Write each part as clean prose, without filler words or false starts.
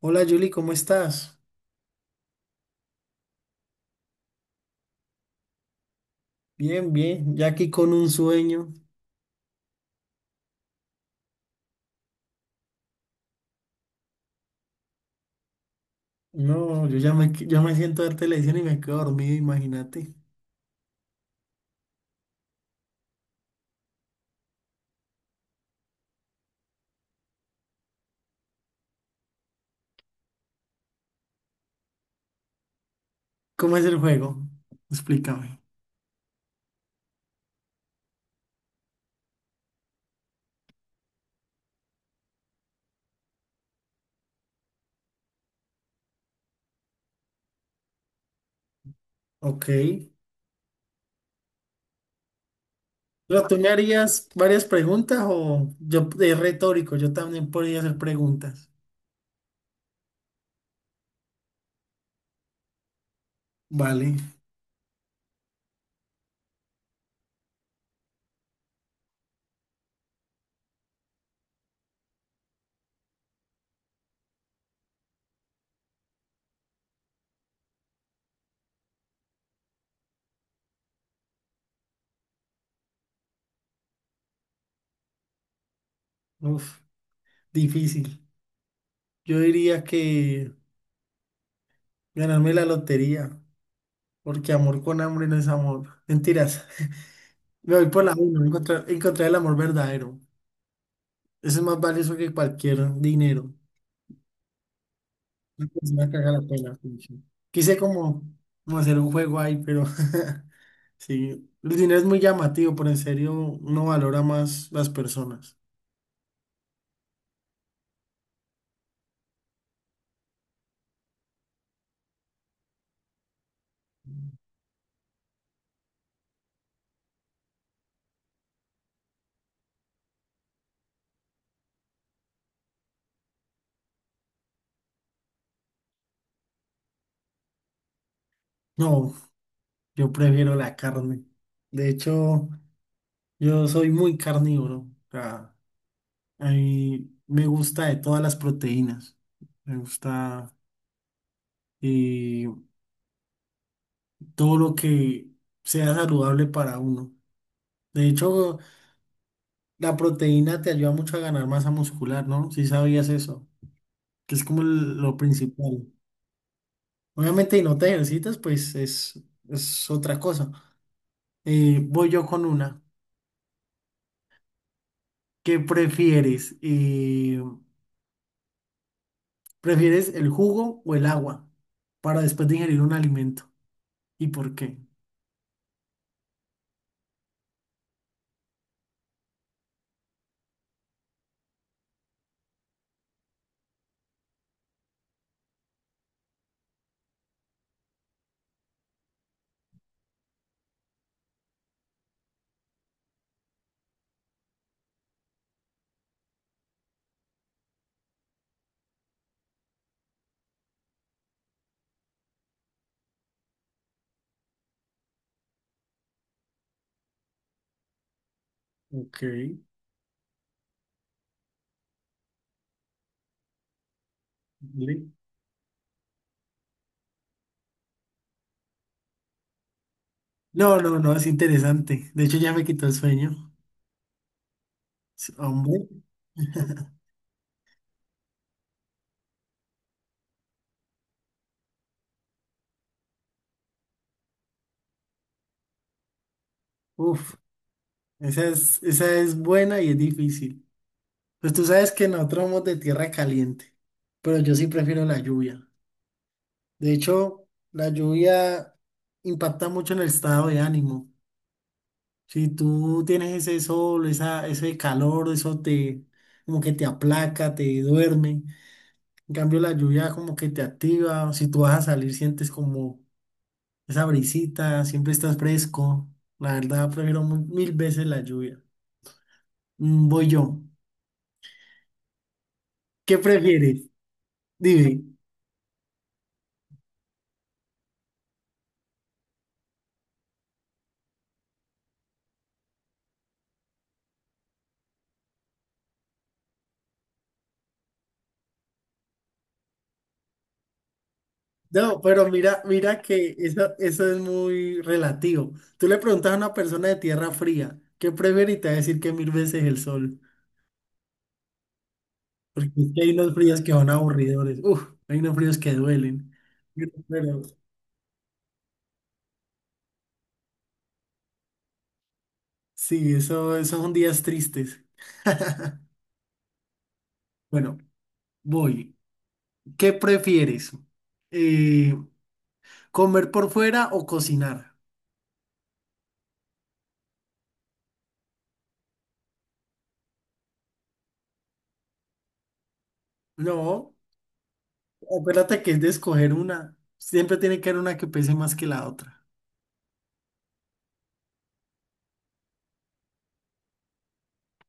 Hola Julie, ¿cómo estás? Bien, bien, ya aquí con un sueño. No, yo ya me, qu- ya me siento a ver televisión y me quedo dormido, imagínate. ¿Cómo es el juego? Explícame. Ok. Pero tú me harías varias preguntas o yo es retórico, yo también podría hacer preguntas. Vale. Uf, difícil. Yo diría que ganarme la lotería, porque amor con hambre no es amor. Mentiras. Me voy por la uno, encontrar el amor verdadero. Eso es más valioso que cualquier dinero. Una persona que haga la pena. Pucha. Quise como hacer un juego ahí, pero sí. El dinero es muy llamativo, pero en serio uno valora más las personas. No, yo prefiero la carne. De hecho, yo soy muy carnívoro. O sea, a mí me gusta de todas las proteínas. Me gusta y todo lo que sea saludable para uno. De hecho, la proteína te ayuda mucho a ganar masa muscular, ¿no? Si sabías eso, que es como el- lo principal. Obviamente, y no te ejercitas, pues es otra cosa. Voy yo con una. ¿Qué prefieres? ¿Prefieres el jugo o el agua para después de ingerir un alimento? ¿Y por qué? Ok. Dale. No, no, no, es interesante. De hecho, ya me quitó el sueño. Sí, hombre. Uf, esa es buena y es difícil. Pues tú sabes que nosotros somos de tierra caliente, pero yo sí prefiero la lluvia. De hecho, la lluvia impacta mucho en el estado de ánimo. Si tú tienes ese sol, ese calor, eso te como que te aplaca, te duerme. En cambio, la lluvia como que te activa. Si tú vas a salir, sientes como esa brisita, siempre estás fresco. La verdad, prefiero mil veces la lluvia. Mm, voy yo. ¿Qué prefieres? Dime. No, pero mira que eso es muy relativo. Tú le preguntas a una persona de tierra fría, ¿qué prefiere? Y te va a decir que mil veces el sol. Porque es que hay unos fríos que son aburridores. Uf, hay unos fríos que duelen. Pero sí, eso, esos son días tristes. Bueno, voy. ¿Qué prefieres? Eh, ¿Comer por fuera o cocinar? No, acuérdate que es de escoger una. Siempre tiene que haber una que pese más que la otra.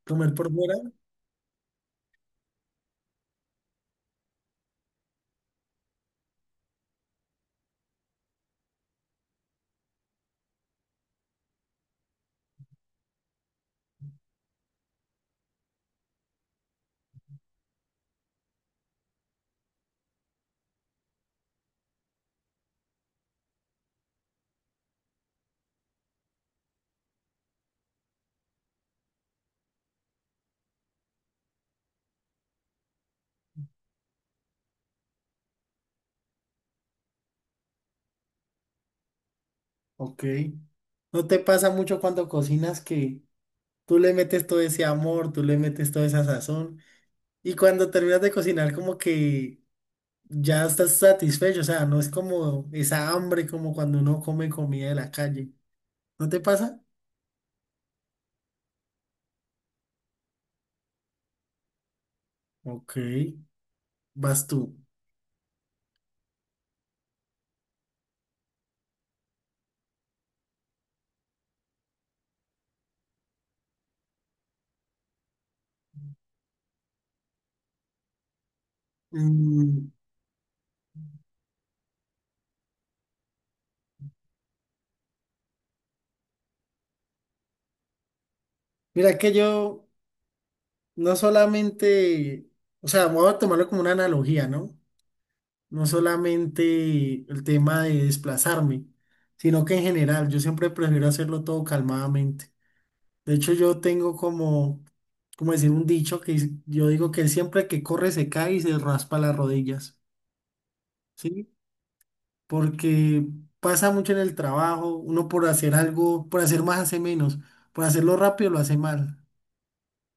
¿Comer por fuera? Ok. ¿No te pasa mucho cuando cocinas que tú le metes todo ese amor, tú le metes toda esa sazón y cuando terminas de cocinar como que ya estás satisfecho? O sea, no es como esa hambre como cuando uno come comida de la calle. ¿No te pasa? Ok, vas tú. Mm, mira que yo no solamente, o sea, voy a tomarlo como una analogía, ¿no? No solamente el tema de desplazarme, sino que en general yo siempre prefiero hacerlo todo calmadamente. De hecho, yo tengo como, como decir, un dicho que es- yo digo que siempre que corre se cae y se raspa las rodillas, ¿sí? Porque pasa mucho en el trabajo, uno por hacer algo, por hacer más hace menos, por hacerlo rápido lo hace mal,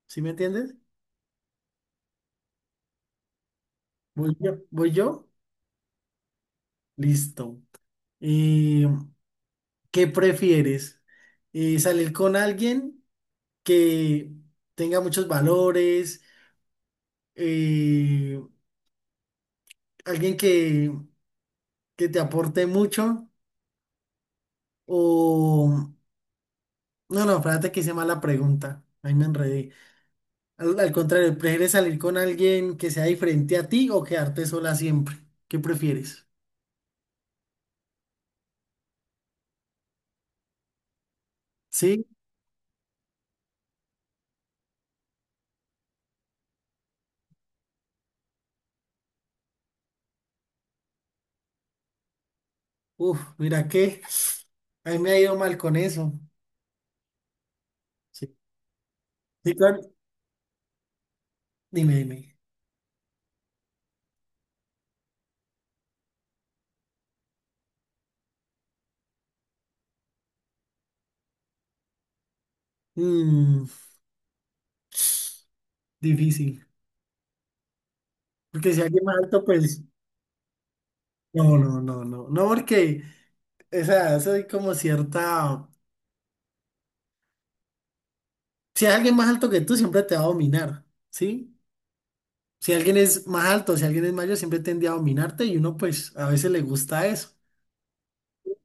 ¿sí me entiendes? Voy yo, listo. Eh, ¿Qué prefieres? ¿Salir con alguien que tenga muchos valores, eh, alguien que te aporte mucho? O... No, no, espérate que hice mala pregunta. Ahí me enredé. Al contrario, ¿prefieres salir con alguien que sea diferente a ti o quedarte sola siempre? ¿Qué prefieres? Sí, uf, mira que a mí me ha ido mal con eso. Sí. Sí, claro. Dime, dime. Mm, difícil. Porque si alguien más alto, pues... No, no, no, no. No, porque... O sea, eso es como cierta... Si hay alguien más alto que tú, siempre te va a dominar, ¿sí? Si alguien es más alto, si alguien es mayor, siempre tiende a dominarte y uno pues a veces le gusta eso.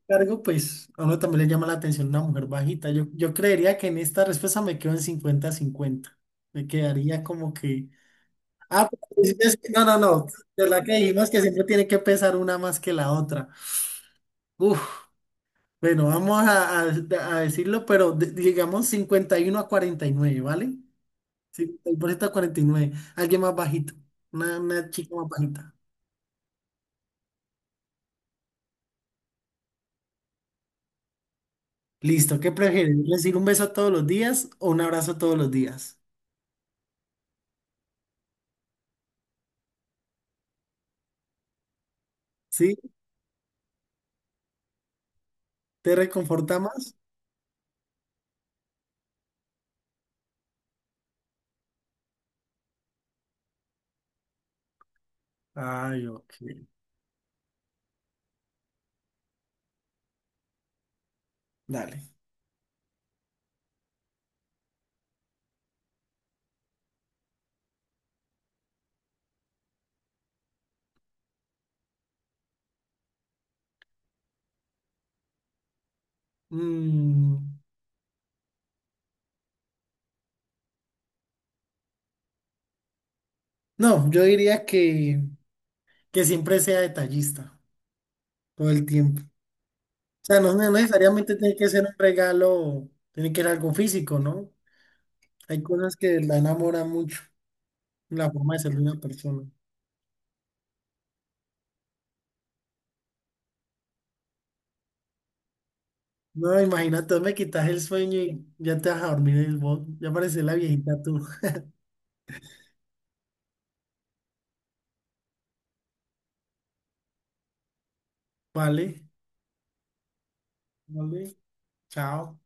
Cargo, pues a uno también le llama la atención una mujer bajita. Yo creería que en esta respuesta me quedo en 50 cincuenta. Me quedaría como que... Ah, pero tú dices que- no, no, no. De la que dijimos que siempre tiene que pesar una más que la otra. Uf, bueno, vamos a decirlo, pero digamos 51 a 49, ¿vale? 50% a 49. Alguien más bajito. Una chica más bajita. Listo, ¿qué prefieres? ¿Recibir un beso todos los días o un abrazo todos los días? ¿Sí? ¿Te reconforta más? Ay, ok. Dale. Mm, no, yo diría que siempre sea detallista todo el tiempo. O sea, no, no necesariamente tiene que ser un regalo, tiene que ser algo físico, ¿no? Hay cosas que la enamoran mucho, la forma de ser de una persona. No, imagínate, me quitas el sueño y ya te vas a dormir el bot. Ya pareces la viejita tú. Vale, vale, chao.